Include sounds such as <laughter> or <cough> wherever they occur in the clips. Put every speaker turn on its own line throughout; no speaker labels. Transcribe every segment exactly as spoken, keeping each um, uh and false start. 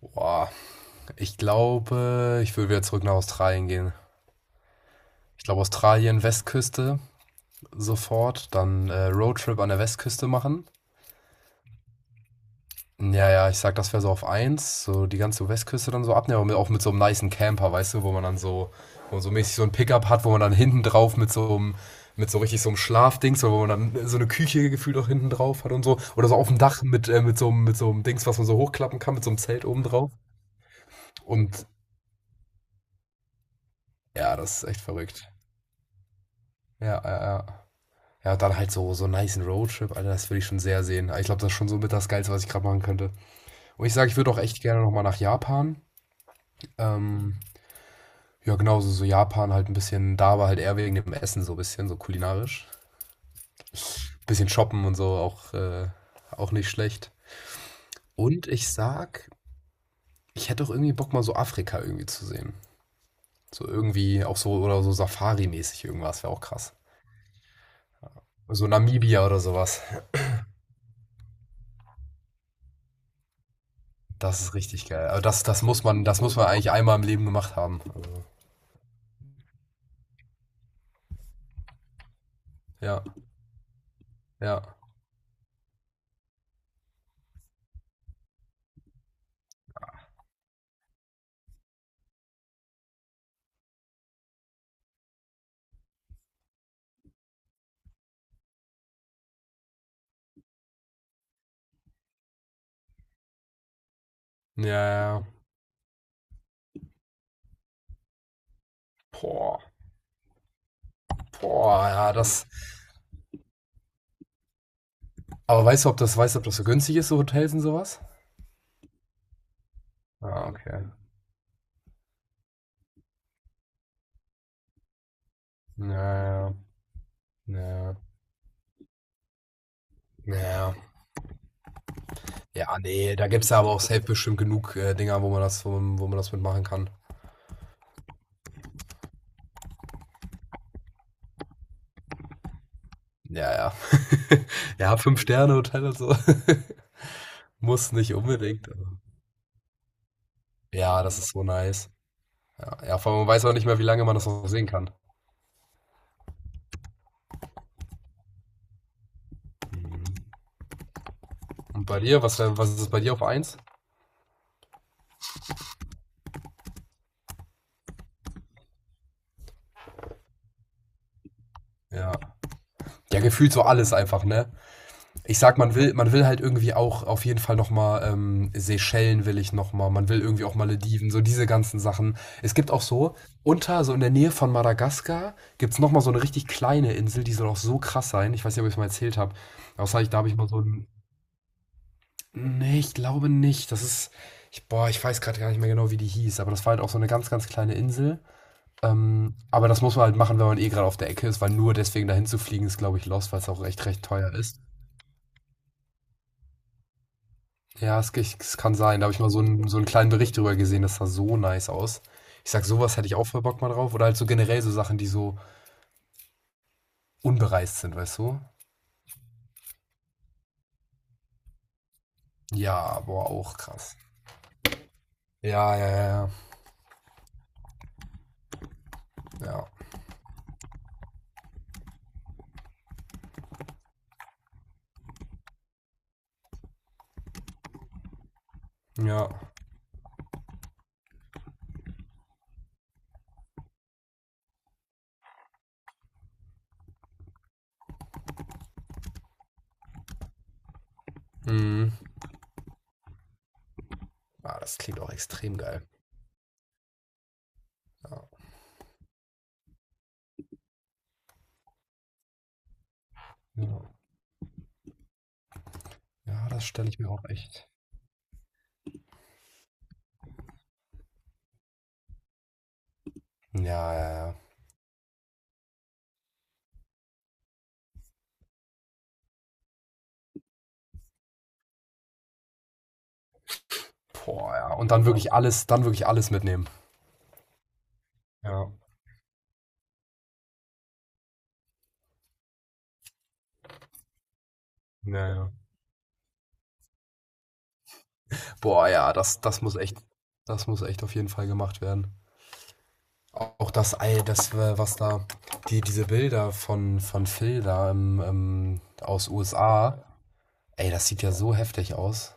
Boah, ich glaube, ich würde wieder zurück nach Australien gehen. Ich glaube, Australien, Westküste sofort, dann äh, Roadtrip an der Westküste machen. Ja, ja, ich sag, das wäre so auf eins, so die ganze Westküste dann so abnehmen, aber mit, auch mit so einem nicen Camper, weißt du, wo man dann so, wo man so mäßig so ein Pickup hat, wo man dann hinten drauf mit so einem, mit so richtig so einem Schlafdings, so wo man dann so eine Küche gefühlt auch hinten drauf hat und so, oder so auf dem Dach mit, äh, mit so einem, mit so einem Dings, was man so hochklappen kann, mit so einem Zelt oben drauf. Und ja, das ist echt verrückt. Ja, ja, ja. Ja, und dann halt so, so einen niceen Roadtrip, Alter, das würde ich schon sehr sehen. Ich glaube, das ist schon so mit das Geilste, was ich gerade machen könnte. Und ich sage, ich würde auch echt gerne nochmal nach Japan. Ähm, ja, genauso so so Japan halt ein bisschen, da war halt eher wegen dem Essen so ein bisschen, so kulinarisch. Bisschen shoppen und so, auch, äh, auch nicht schlecht. Und ich sag, ich hätte auch irgendwie Bock, mal so Afrika irgendwie zu sehen. So irgendwie auch so, oder so Safari-mäßig irgendwas, wäre auch krass. So Namibia oder sowas. Das ist richtig geil. Aber das, das muss man, das muss man eigentlich einmal im Leben gemacht haben. Also, ja. Ja. Ja, ja. Boah. Boah, ja, das. Aber weißt du, ob das, weißt du, ob das so günstig ist, so Hotels und sowas? Ah, okay. Ja, ja, ja. Ja, ja, nee, da gibt's ja aber auch safe bestimmt genug äh, Dinger, wo man das, wo, wo man das mitmachen kann. Ja, ja. <laughs> Ja, Fünf-Sterne-Hotel und so. <laughs> Muss nicht unbedingt. Aber- Ja, das ist so nice. Ja, ja, vor allem man weiß auch nicht mehr, wie lange man das noch sehen kann. Mhm. Und bei dir, was, wär- was ist bei dir auf eins? Ja. Ja, gefühlt so alles einfach, ne? Ich sag, man will, man will halt irgendwie auch auf jeden Fall nochmal ähm, Seychellen will ich nochmal, man will irgendwie auch Malediven, so diese ganzen Sachen. Es gibt auch so, unter, so in der Nähe von Madagaskar, gibt's noch nochmal so eine richtig kleine Insel, die soll auch so krass sein. Ich weiß nicht, ob ich es mal erzählt habe. Außer ich, da habe ich mal so ein. Nee, ich glaube nicht. Das ist. Ich, boah, ich weiß gerade gar nicht mehr genau, wie die hieß, aber das war halt auch so eine ganz, ganz kleine Insel. Ähm, aber das muss man halt machen, wenn man eh gerade auf der Ecke ist, weil nur deswegen dahin zu fliegen ist, glaube ich, lost, weil es auch recht, recht teuer ist. Ja, es, ge- es kann sein. Da habe ich mal so einen, so einen kleinen Bericht drüber gesehen. Das sah so nice aus. Ich sag, sowas hätte ich auch voll Bock mal drauf. Oder halt so generell so Sachen, die so unbereist sind, weißt du? Ja, boah, auch krass. Ja, ja, ja, ja. Ja. Ja. Mhm. Ah, das klingt auch extrem geil. Ja, ja. Ja, das stelle ich mir auch echt. Ja, ja, ja. Boah, ja. Und dann wirklich alles, dann wirklich alles mitnehmen. Ja. Ja, ja. Boah, ja, das, das muss echt, das muss echt auf jeden Fall gemacht werden. Auch das, all das, äh, was da, die, diese Bilder von, von Phil da im, ähm, aus U S A, ey, das sieht ja so heftig aus.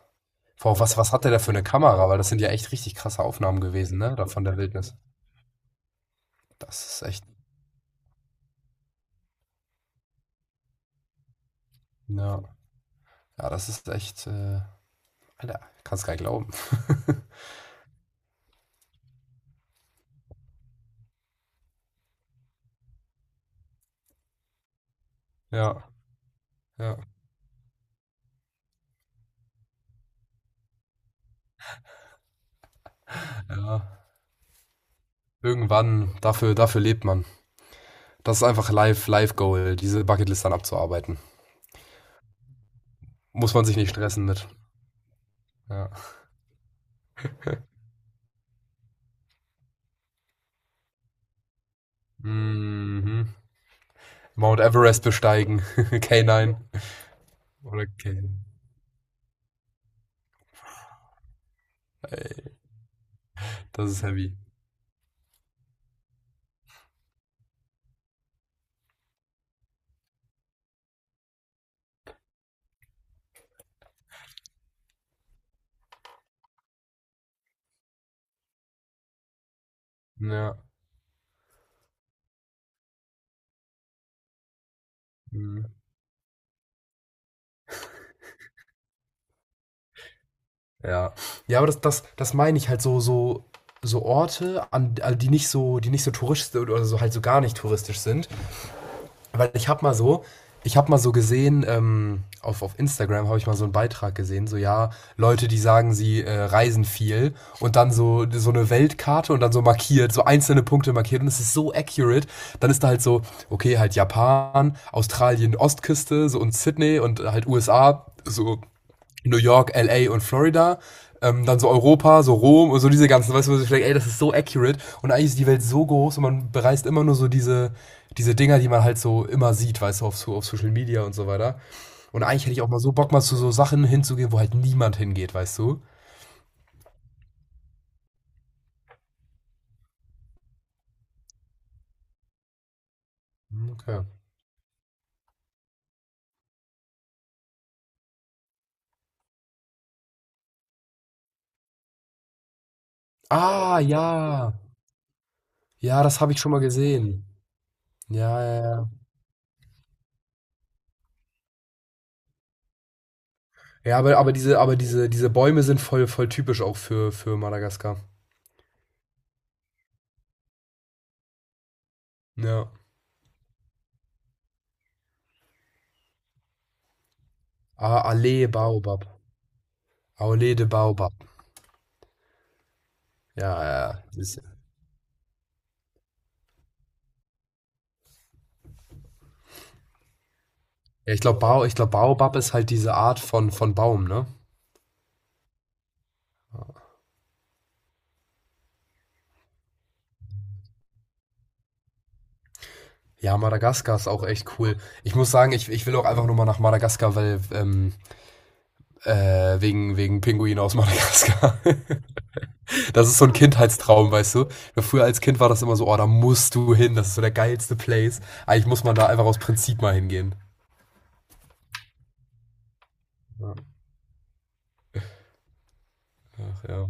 Boah, was, was hat der da für eine Kamera? Weil das sind ja echt richtig krasse Aufnahmen gewesen, ne? Da von der Wildnis. Das ist echt, ja. Ja, das ist echt, äh, Alter, kannst gar nicht glauben. Ja, ja, ja. Irgendwann, dafür, dafür lebt man. Das ist einfach live, live Goal, diese Bucketlist dann abzuarbeiten. Muss man sich nicht stressen mit. Ja. Mhm. Mount Everest besteigen. <laughs> K neun. Oder K. Das ist heavy. Ja. Mhm. Ja. Ja, aber das, das, das meine ich halt so, so, so Orte, an, also die nicht so, die nicht so touristisch oder so halt so gar nicht touristisch sind. Weil ich habe mal so, ich habe mal so gesehen, ähm, auf, auf Instagram habe ich mal so einen Beitrag gesehen, so ja, Leute, die sagen, sie äh, reisen viel und dann so, so eine Weltkarte und dann so markiert, so einzelne Punkte markiert und es ist so accurate. Dann ist da halt so, okay, halt Japan, Australien, Ostküste so und Sydney und halt U S A, so New York, L A und Florida. Ähm, dann so Europa, so Rom und so diese ganzen, weißt du, wo ich denke, ey, das ist so accurate. Und eigentlich ist die Welt so groß und man bereist immer nur so diese, diese Dinger, die man halt so immer sieht, weißt du, auf, so- auf Social Media und so weiter. Und eigentlich hätte ich auch mal so Bock, mal zu so Sachen hinzugehen, wo halt niemand hingeht, weißt du? Hm, okay. Ah, ja. Ja, das habe ich schon mal gesehen. Ja, ja, ja. Ja, aber, aber diese, aber diese, diese Bäume sind voll, voll typisch auch für, für Madagaskar. Ja. Ah, Allee Baobab. Allee de Baobab. Ja, ja. Das ist, ja ich glaube, Bao, ich glaub, Baobab ist halt diese Art von, von Baum, ne? Ja, Madagaskar ist auch echt cool. Ich muss sagen, ich, ich will auch einfach nur mal nach Madagaskar, weil ähm, äh, wegen, wegen Pinguin aus Madagaskar. <laughs> Das ist so ein Kindheitstraum, weißt du? Ja, früher als Kind war das immer so, oh, da musst du hin, das ist so der geilste Place. Eigentlich muss man da einfach aus Prinzip mal hingehen. Ja, ach, ja.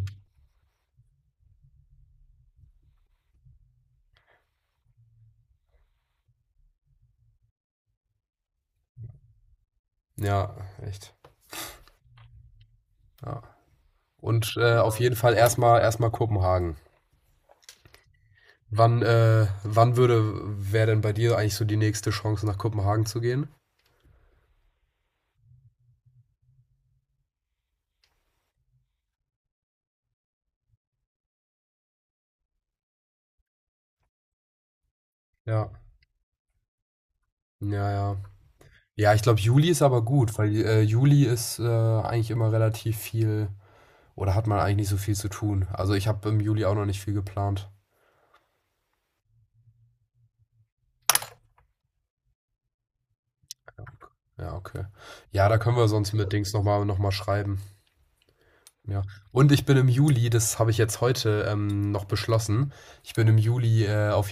Ja echt. Ja. Und äh, auf jeden Fall erstmal erstmal Kopenhagen. Wann, äh, wann würde, wäre denn bei dir eigentlich so die nächste Chance, nach Kopenhagen zu gehen? Ja. Ja, ja. Ja, ich glaube, Juli ist aber gut, weil äh, Juli ist äh, eigentlich immer relativ viel oder hat man eigentlich nicht so viel zu tun. Also ich habe im Juli auch noch nicht viel geplant. Ja, okay. Ja, da können wir sonst mit Dings nochmal noch mal schreiben. Ja. Und ich bin im Juli, das habe ich jetzt heute ähm, noch beschlossen, ich bin im Juli äh, auf